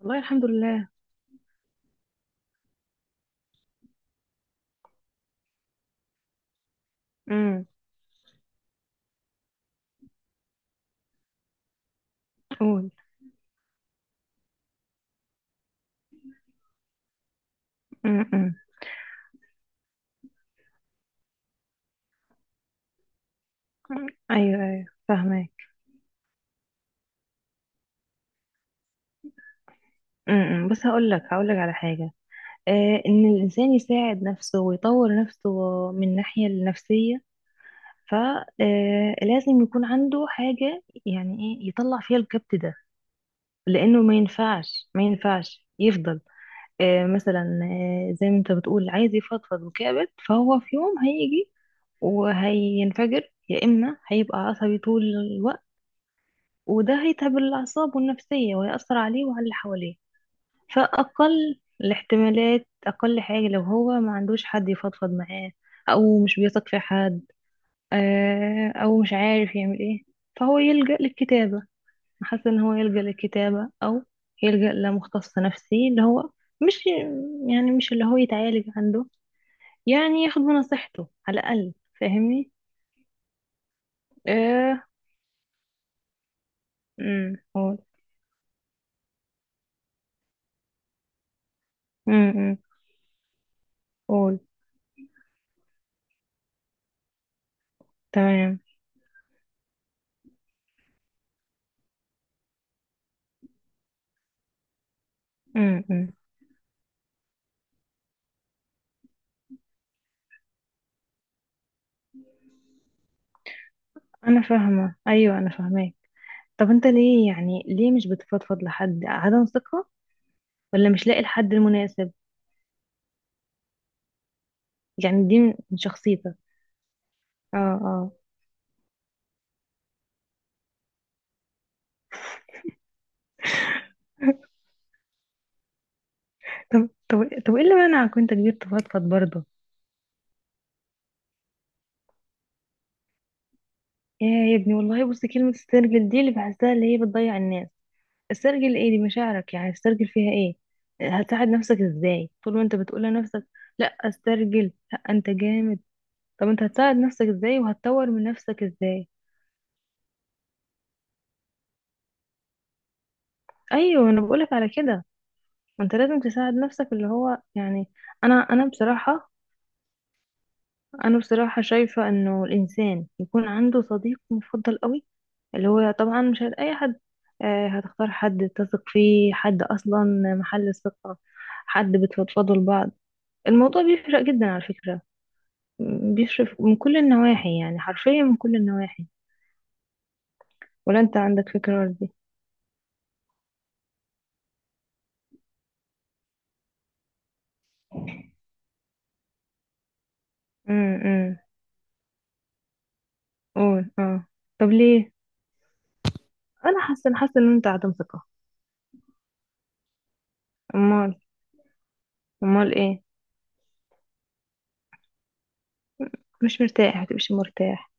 والله الحمد لله. امم. قول. امم. ايوه ايوه فاهمك. بس هقول لك على حاجه. ان الانسان يساعد نفسه ويطور نفسه من ناحيه النفسيه، فلازم يكون عنده حاجه، يعني ايه يطلع فيها الكبت ده. لانه ما ينفعش يفضل. مثلا، زي ما انت بتقول، عايز يفضفض وكابت، فهو في يوم هيجي وهينفجر، يا اما هيبقى عصبي طول الوقت. وده هيتعب الأعصاب والنفسية ويأثر عليه وعلى اللي حواليه. فأقل الاحتمالات، أقل حاجة، لو هو ما عندوش حد يفضفض معاه أو مش بيثق في حد، أو مش عارف يعمل إيه، فهو يلجأ للكتابة. حاسة إن هو يلجأ للكتابة، أو يلجأ لمختص نفسي اللي هو مش، يعني مش اللي هو يتعالج عنده، يعني ياخد بنصيحته على الأقل. فاهمني؟ آه. أمم. قول. أمم، أمم. قول. تمام أمم، أمم. انا فاهمه، ايوه، انا فاهماك. طب انت ليه، يعني ليه مش بتفضفض لحد؟ عدم ثقه ولا مش لاقي الحد المناسب؟ يعني دي من شخصيتك؟ اه، اه. طب ايه اللي منعك وانت كبير تفضفض برضه؟ يا ابني، والله بص، كلمه استرجل دي اللي بحسها اللي هي بتضيع الناس. استرجل ايه؟ دي مشاعرك، يعني استرجل فيها ايه؟ هتساعد نفسك ازاي طول ما انت بتقول لنفسك لا استرجل، لا انت جامد؟ طب انت هتساعد نفسك ازاي وهتطور من نفسك ازاي؟ ايوه، انا بقولك على كده. ما انت لازم تساعد نفسك، اللي هو يعني. انا بصراحة، انا بصراحة شايفة انه الانسان يكون عنده صديق مفضل قوي، اللي هو طبعا مش هت- اي حد. هتختار حد تثق فيه، حد اصلا محل الثقة، حد بتفضفضوا لبعض. الموضوع بيفرق جدا على فكرة. بيفرق من كل النواحي، يعني حرفيا من كل النواحي. ولا انت عندك فكرة دي؟ امم، قول، اه. طب ليه؟ انا حاسة ان انت عدم ثقة. امال؟ امال ايه؟ مش مرتاح، ما تبقاش مرتاح،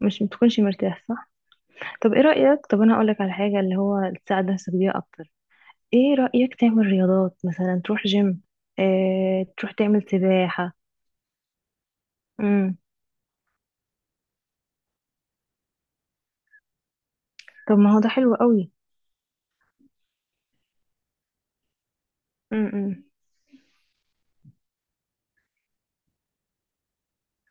مش بتكونش مرتاح، صح؟ طب ايه رأيك، طب انا هقول لك على حاجة اللي هو تساعد نفسك بيها اكتر. ايه رأيك تعمل رياضات، مثلا تروح جيم، اه تروح تعمل سباحة؟ امم. طب ما هو ده حلو قوي. امم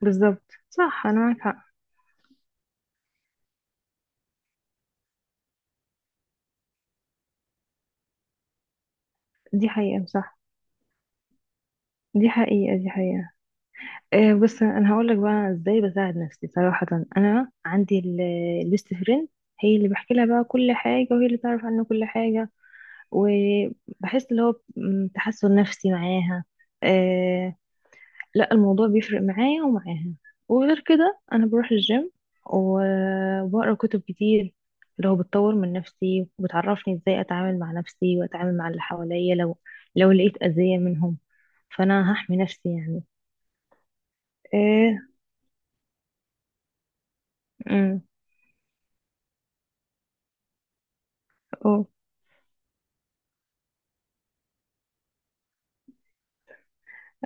بالظبط، صح، انا معاك حق. دي حقيقة، صح. دي حقيقة، دي حقيقة. بس انا هقول لك بقى ازاي بساعد نفسي صراحة. انا البيست فريند هي اللي بحكي لها بقى كل حاجة، وهي اللي تعرف عني كل حاجة. وبحس اللي هو تحسن نفسي معاها. آه. لا الموضوع بيفرق معايا ومعاها. وغير كده انا بروح الجيم و- وبقرا كتب كتير، اللي هو بتطور من نفسي وبتعرفني ازاي اتعامل مع نفسي واتعامل مع اللي حواليا، لو لقيت اذية منهم، فانا هحمي نفسي يعني. ايه؟ امم، اه،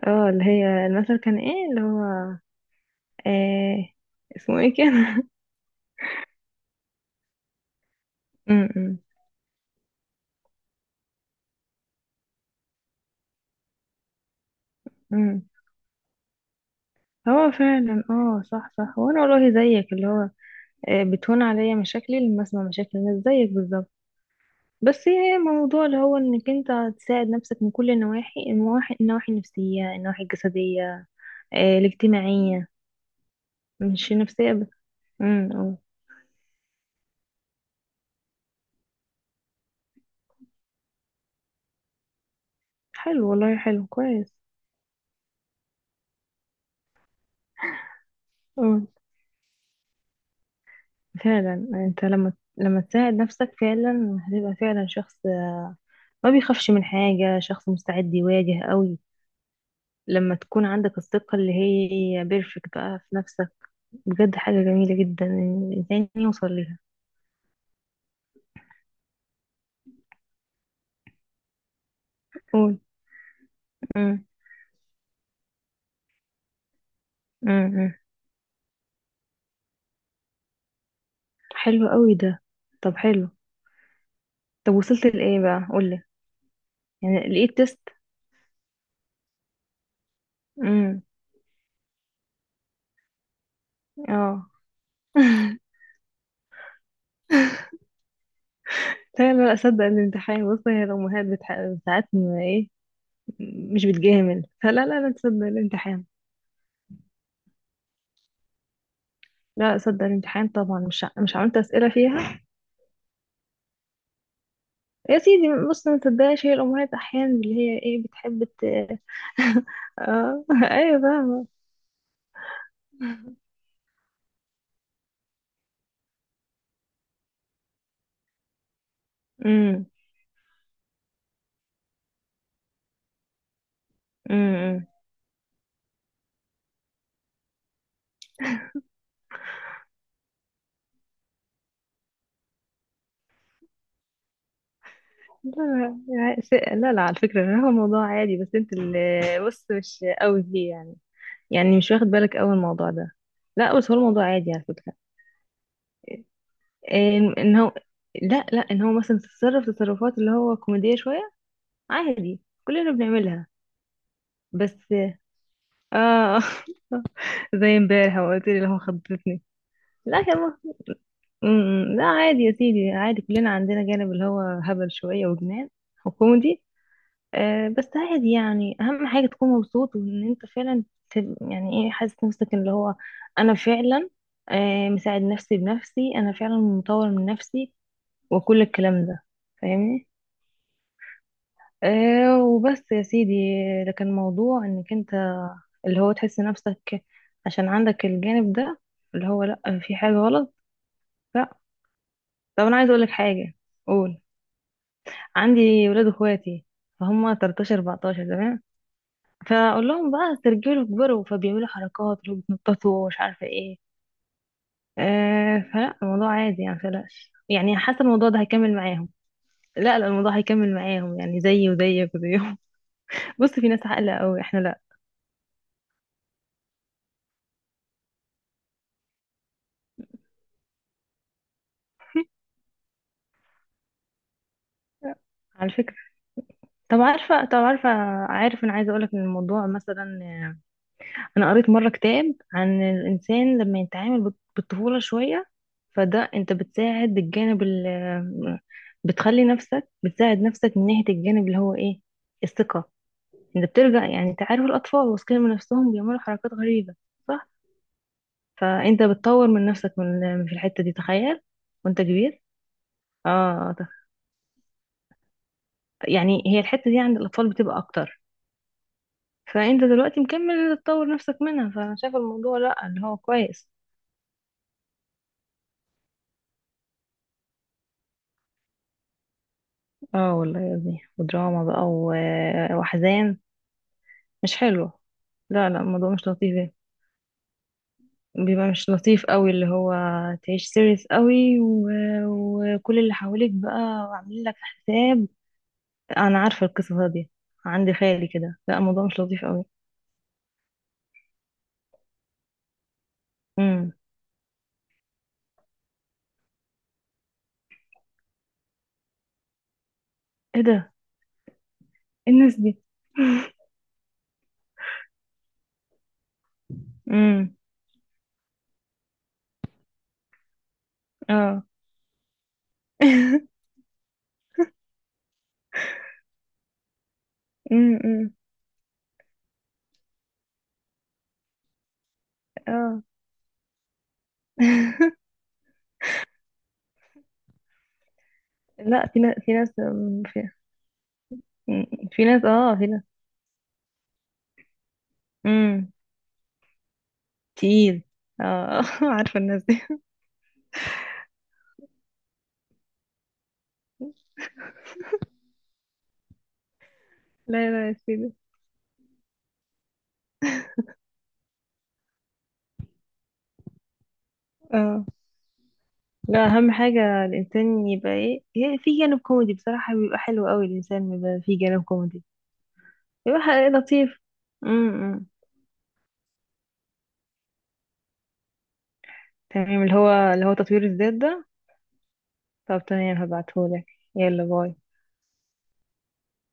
اه، اللي هي المثل كان ايه اللي هو؟ ايه اسمه ايه كان؟ امم. هو فعلا اه، صح، صح. وانا والله زيك اللي هو، بتهون عليا مشاكلي لما اسمع مشاكل الناس زيك بالظبط. بس هي موضوع اللي هو انك انت تساعد نفسك من كل النواحي، النواحي النفسية، النواحي الجسدية، الاجتماعية، مش النفسية بس. امم، اه. حلو والله، حلو كويس. اه فعلا، انت لما تساعد نفسك فعلا هتبقى فعلا شخص ما بيخافش من حاجة، شخص مستعد يواجه قوي. لما تكون عندك الثقة اللي هي بيرفكت بقى في نفسك، بجد حاجة جميلة جدا إن الإنسان يوصل ليها. قول. أمم، أمم، أمم. حلو قوي ده. طب حلو. طب وصلت لإيه بقى؟ قولي. يعني لقيت تيست؟ امم. اه. لا لا لا، صدق الامتحان. بص هي الأمهات بتح... ساعات ما إيه، مش بتجامل، فلا لا لا، تصدق الامتحان. لا صدق الامتحان طبعا. مش عملت أسئلة فيها؟ يا سيدي، بص، ما تصدقش. هي الأمهات أحيانا اللي هي إيه، بتحب ت... اه أيوة، فاهمة. امم. لا لا لا لا، على فكرة، هو موضوع عادي، بس انت اللي بص مش قوي فيه يعني. يعني مش واخد بالك قوي الموضوع ده. لا بس هو الموضوع عادي على فكرة. إن هو، لا لا، ان هو مثلا تتصرف تصرفات اللي هو كوميدية شوية، عادي كلنا بنعملها. بس اه زي امبارح ما قلت لي اللي هو خضتني. لا يا ما. لا عادي يا سيدي، عادي كلنا عندنا جانب اللي هو هبل شوية وجنان وكوميدي. بس عادي يعني. اهم حاجه تكون مبسوط وان انت فعلا يعني ايه، حاسس نفسك اللي هو انا فعلا، مساعد نفسي بنفسي، انا فعلا مطور من نفسي وكل الكلام ده. فاهمني؟ وبس يا سيدي. لكن موضوع انك انت اللي هو تحس نفسك عشان عندك الجانب ده اللي هو، لا، في حاجه غلط، لا. طب انا عايز اقول لك حاجه. قول. عندي ولاد اخواتي، فهم 13 14، تمام؟ فاقول لهم بقى استرجلوا، كبروا، فبيعملوا حركات اللي هو بيتنططوا ومش عارفه ايه. فلا الموضوع عادي يعني، متقلقش، يعني حاسه الموضوع ده هيكمل معاهم. لا لا، الموضوع هيكمل معاهم، يعني زيي وزيك وزيهم. بص في ناس عاقله قوي، احنا لا. على فكره. طب عارفه. عارف انا عايزه اقولك ان الموضوع مثلا، انا قريت مره كتاب عن الانسان لما يتعامل بالطفوله شويه. فده انت بتساعد بالجانب ال، بتخلي نفسك بتساعد نفسك من ناحيه الجانب اللي هو ايه؟ الثقه. انت بترجع، يعني انت عارف الاطفال واثقين من نفسهم بيعملوا حركات غريبه، صح؟ فانت بتطور من نفسك من في الحته دي، تخيل، وانت كبير. اه تخ- يعني هي الحته دي عند الاطفال بتبقى اكتر، فانت دلوقتي مكمل تطور نفسك منها. فانا شايفه الموضوع لا، اللي هو كويس. اه والله يا ابني، ودراما بقى واحزان، مش حلو. لا لا، الموضوع مش لطيف يعني. بيبقى مش لطيف قوي اللي هو تعيش سيريس قوي و... وكل اللي حواليك بقى عاملين لك حساب. انا عارفه القصه دي، عندي خالي كده. لا الموضوع مش لطيف قوي. امم. ايه ده؟ إيه الناس دي؟ امم، اه امم، أمم. اه لا في ناس، في ناس أم، في, أم، في ناس، في ناس. امم. تقيل. اه عارفه الناس دي. لا لا يا سيدي. اه. لا اهم حاجة الانسان يبقى ايه، هي في جانب كوميدي بصراحة، بيبقى حلو قوي الانسان بيبقى في جانب كوميدي، بيبقى ح- لطيف. امم. تمام، اللي هو تطوير الذات ده. طب تمام، هبعتهولك. يلا باي.